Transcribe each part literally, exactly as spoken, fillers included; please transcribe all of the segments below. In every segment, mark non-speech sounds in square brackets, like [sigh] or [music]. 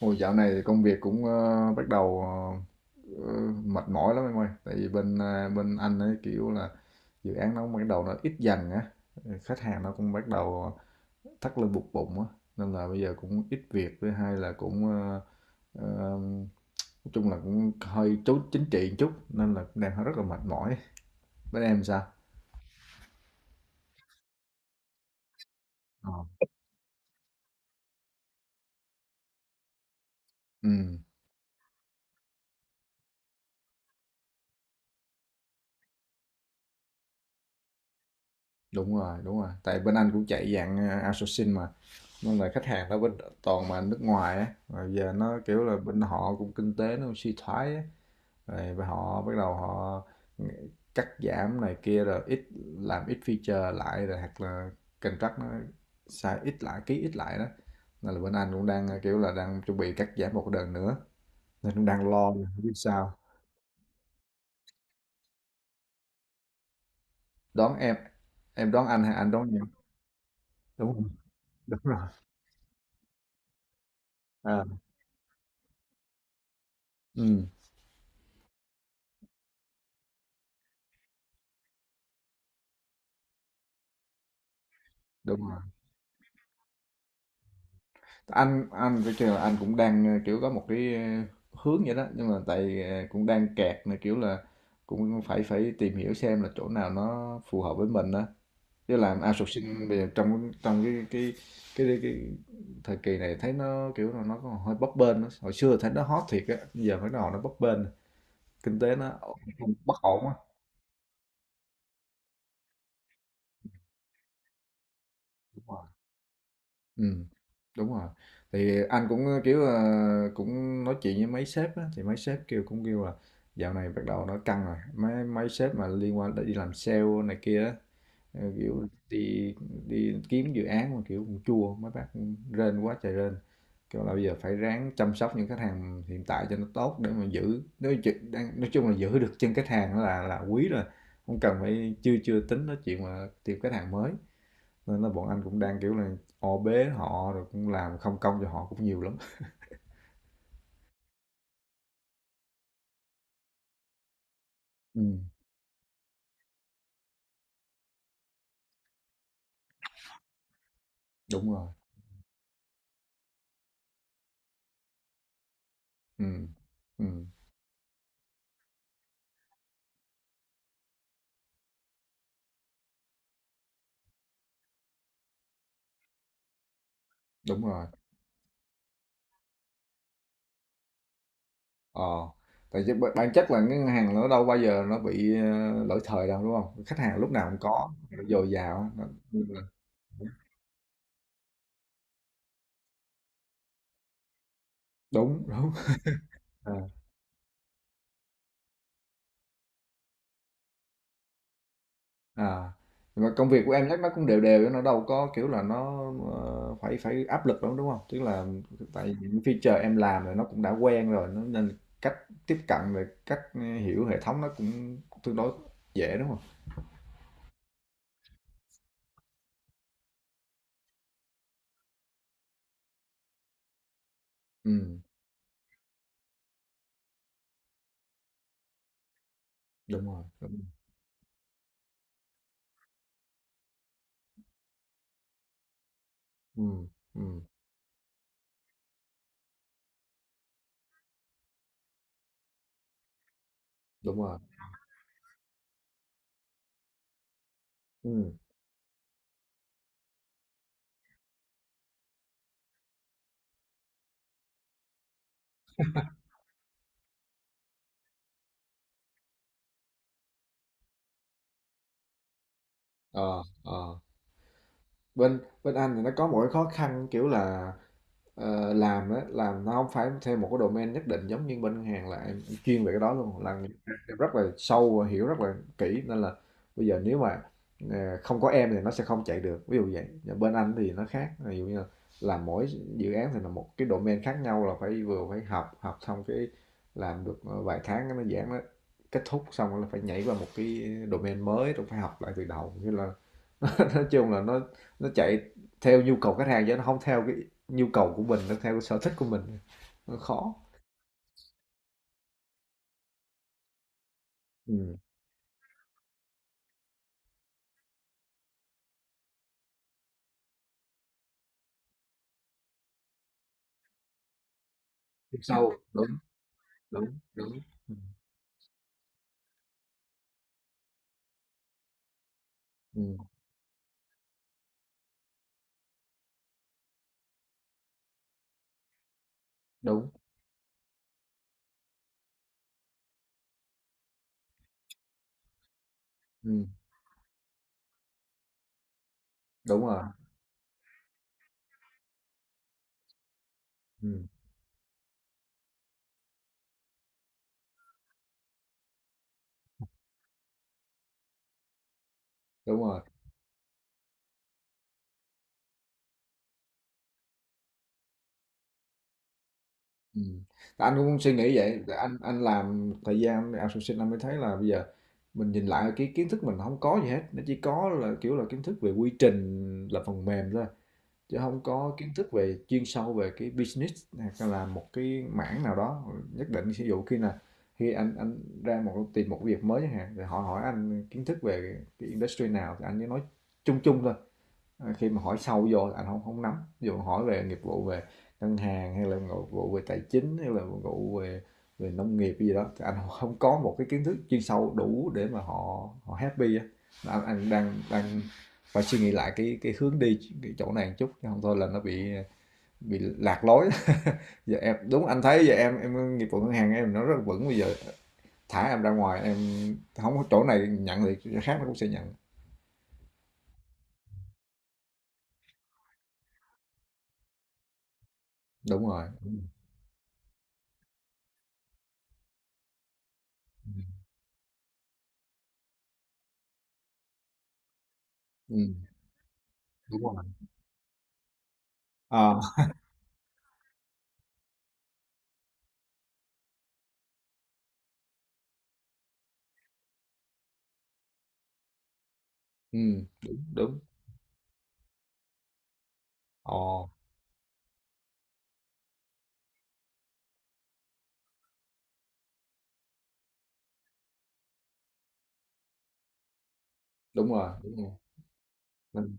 Ôi, dạo này thì công việc cũng ờ, bắt đầu ờ, ờ, mệt mỏi lắm em ơi. Tại vì bên ờ, bên anh ấy kiểu là dự án nó cũng bắt đầu nó ít dần á, khách hàng nó cũng bắt đầu thắt lưng buộc bụng á, nên là bây giờ cũng ít việc. Thứ hai là cũng ờ, ờ, nói chung là cũng hơi chú chính trị một chút nên là cũng đang rất là mệt mỏi. Bên em sao? Ờ. Ừ, đúng rồi, đúng rồi. Tại bên anh cũng chạy dạng ờ, outsourcing mà. Nên là khách hàng ở bên toàn mà nước ngoài á rồi giờ nó kiểu là bên họ cũng kinh tế nó suy thoái á, rồi bên họ bắt đầu họ cắt giảm này kia, rồi ít làm ít feature lại, rồi hoặc là contract nó sai ít lại, ký ít lại đó. Nên là bên anh cũng đang kiểu là đang chuẩn bị cắt giảm một đợt nữa, nên cũng đang lo nè, không biết sao. Đón em em đón anh hay anh đón em? Đúng rồi, đúng rồi. À, ừ, đúng rồi. Anh anh phải kêu là anh cũng đang ờ, kiểu có một cái ờ, hướng vậy đó, nhưng mà tại ờ, cũng đang kẹt này, kiểu là cũng phải phải tìm hiểu xem là chỗ nào nó phù hợp với mình đó, chứ làm outsourcing bây giờ trong trong cái cái cái cái, cái thời kỳ này thấy nó kiểu là nó còn hơi bấp bênh đó. Hồi xưa thấy nó hot thiệt á, giờ mới nào nó bấp bênh, kinh tế nó ổn- bất ổn á. Ừ, đúng rồi. Thì anh cũng, ờ, kiểu, ờ, cũng nói chuyện với mấy sếp á, thì mấy sếp kêu cũng kêu là dạo này bắt đầu nó căng rồi, mấy mấy sếp mà liên quan tới đi làm sale này kia á, ờ, kiểu, đi đi kiếm dự án mà, kiểu, cũng chua, mấy bác cũng rên quá trời rên. Kêu là bây giờ phải ráng chăm sóc những khách hàng hiện tại cho nó tốt để mà giữ, nói ch đang nói chung là giữ được chân khách hàng là là quý rồi, không cần phải chưa chưa tính nói chuyện mà tìm khách hàng mới, nên là bọn anh cũng đang kiểu là o bế họ, rồi cũng làm không công cho họ cũng nhiều lắm. Ừ, đúng rồi. Ừ, ừ, đúng rồi. ờ Tại vì b- bản chất là cái ngân hàng nó đâu bao giờ nó bị ờ, lỗi thời đâu, đúng không? Khách hàng lúc nào cũng có dồi dào. Đúng, đúng. [laughs] À, nhưng mà công việc của em chắc nó cũng đều đều, nó đâu có kiểu là nó ờ, phải phải áp lực lắm đúng không? Tức là tại vì những feature em làm rồi nó cũng đã quen rồi, nó nên cách tiếp cận về cách hiểu hệ thống nó cũng tương đối dễ đúng không? Ừ, đúng rồi, đúng rồi. Ừ, ừ, đúng rồi. Ừ. ờ, ờ. bên bên Anh thì nó có một cái khó khăn kiểu là ờ, làm á làm nó không phải theo một cái domain nhất định, giống như bên ngân hàng là em chuyên về cái đó luôn, là em rất là sâu và hiểu rất là kỹ, nên là bây giờ nếu mà ờ, không có em thì nó sẽ không chạy được, ví dụ vậy. Và bên Anh thì nó khác, ví dụ như là làm mỗi dự án thì là một cái domain khác nhau, là phải vừa phải học, học xong cái làm được ờ, vài tháng cái nó giãn, nó kết thúc xong là phải nhảy vào một cái domain mới rồi phải học lại từ đầu, như là [laughs] nói chung là nó nó chạy theo nhu cầu khách hàng chứ nó không theo cái nhu cầu của mình, nó theo cái sở thích của mình, nó khó. Ừm, chiều sâu, đúng, đúng, ừm, ừm, đúng, ừm, đúng rồi, ừm, đúng rồi, ừm. Anh cũng suy nghĩ vậy, tại anh anh làm thời gian outsourcing, anh mới thấy là bây giờ mình nhìn lại cái kiến thức mình không có gì hết, nó chỉ có là, kiểu là, kiến thức về quy trình là phần mềm thôi. Chứ không có kiến thức về chuyên sâu về cái business hay là một cái mảng nào đó nhất định, ví dụ khi là khi anh anh ra một tìm một việc mới chẳng hạn, rồi họ hỏi anh kiến thức về cái industry nào thì anh chỉ nói chung chung thôi. Ờ, khi mà hỏi sâu vô là anh không không nắm. Dù dụ hỏi về nghiệp vụ về ngân hàng, hay là nghiệp vụ về tài chính, hay là nghiệp vụ về về nông nghiệp gì đó, thì anh không có một cái kiến thức chuyên sâu đủ để mà họ họ happy á. Anh, anh đang đang phải suy nghĩ lại cái cái hướng đi cái chỗ này một chút, chứ không thôi là nó bị bị lạc lối. [laughs] Giờ em, đúng, anh thấy giờ em em nghiệp vụ ngân hàng em nó rất vững, bây giờ thả em ra ngoài em không có chỗ này nhận thì chỗ khác nó cũng sẽ nhận. Đúng rồi. Ừ, đúng rồi. À, ừ, đúng, đúng. Ồ. Đúng rồi, đúng rồi. Mình,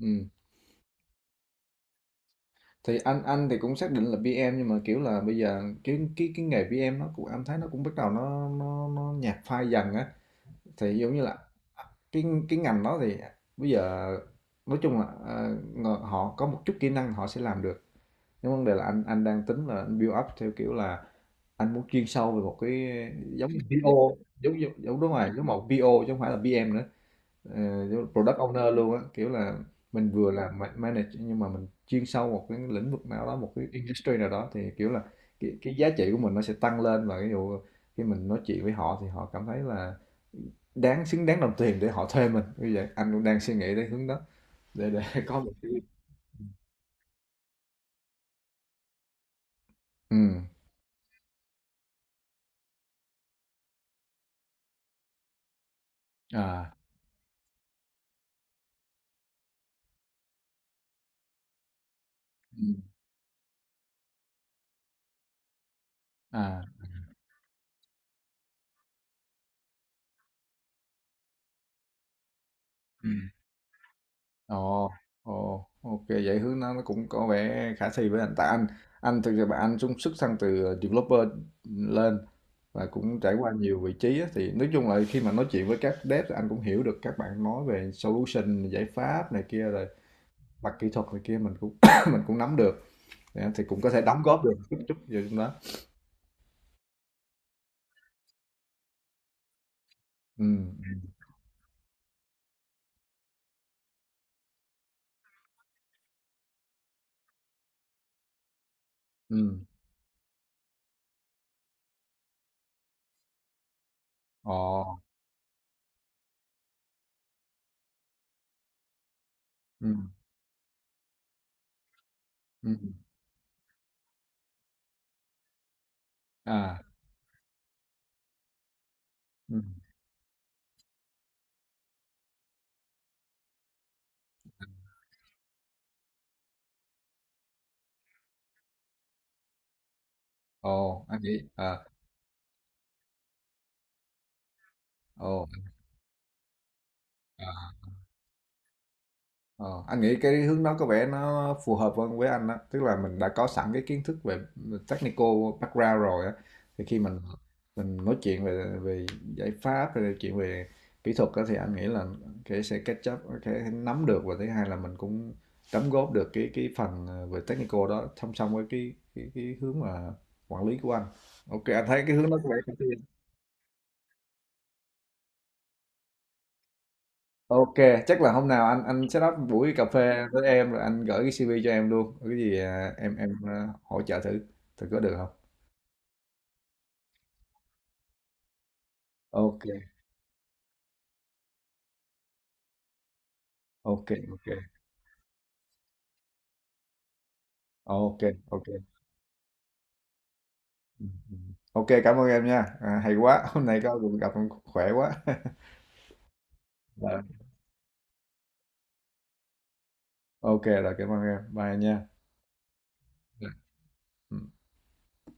ừm, thì anh anh thì cũng xác định là pê em, nhưng mà, kiểu là, bây giờ cái cái cái nghề pê em nó cũng anh thấy nó cũng bắt đầu nó nó nó nhạt phai dần á. Thì giống như là à, cái cái ngành đó thì bây giờ nói chung là, ờ, ngờ họ có một chút kỹ năng họ sẽ làm được. Nhưng vấn đề là anh anh đang tính là anh build up theo kiểu là anh muốn chuyên sâu về một cái, giống như pi âu, giống giống giống đúng rồi, giống một pê ô chứ không phải là pê em nữa. Ờ, giống product owner luôn á, kiểu là mình vừa làm ma- manage nhưng mà mình chuyên sâu một cái lĩnh vực nào đó, một cái industry nào đó, thì kiểu là cái, cái giá trị của mình nó sẽ tăng lên, và ví dụ khi mình nói chuyện với họ thì họ cảm thấy là đáng, xứng đáng đồng tiền để họ thuê mình. Như vậy anh cũng đang suy nghĩ đến hướng đó, để để [laughs] có một cái. Ừ, à, ừ. À, ừ. Ồ, ồ, ok, vậy hướng nó nó cũng có vẻ khả thi với anh, tại anh anh thực ra bạn anh xung sức sang từ ờ, developer lên, và cũng trải qua nhiều vị trí á, thì nói chung là khi mà nói chuyện với các dev thì anh cũng hiểu được các bạn nói về solution, giải pháp này kia, rồi mặt kỹ thuật này kia mình cũng [coughs] mình cũng nắm được, thì anh thì cũng có thể đóng góp được chút chút vào trong đó. Ừ, ừ, ừ. Ồ, ừ, ừ, à, ừ. Ồ, anh nghĩ, à, ồ, à, ờ, anh nghĩ cái hướng đó có vẻ nó phù hợp hơn với anh á, tức là mình đã có sẵn cái kiến thức về technical background rồi á, thì khi mình mình nói chuyện về về giải pháp, về chuyện về kỹ thuật á, thì anh nghĩ là cái sẽ catch up, cái nắm được, và thứ hai là mình cũng đóng góp được cái cái phần ờ, về technical đó, song song với cái cái, cái hướng mà quản lý của anh. Ok, anh thấy cái hướng đó có vẻ. Ok, chắc là hôm nào anh anh set up buổi cà phê với em, rồi anh gửi cái xê vê cho em luôn. Có cái gì à, em em à, hỗ trợ thử thử có được không? Ok, ok, ok. Ok, ok. Ừ, ừ. Ok, cảm ơn em nha. À, hay quá, hôm nay có cuộc gặp em khỏe quá. [laughs] Rồi. Ok rồi, cảm ơn em. Bye nha. Dạ. Ừ.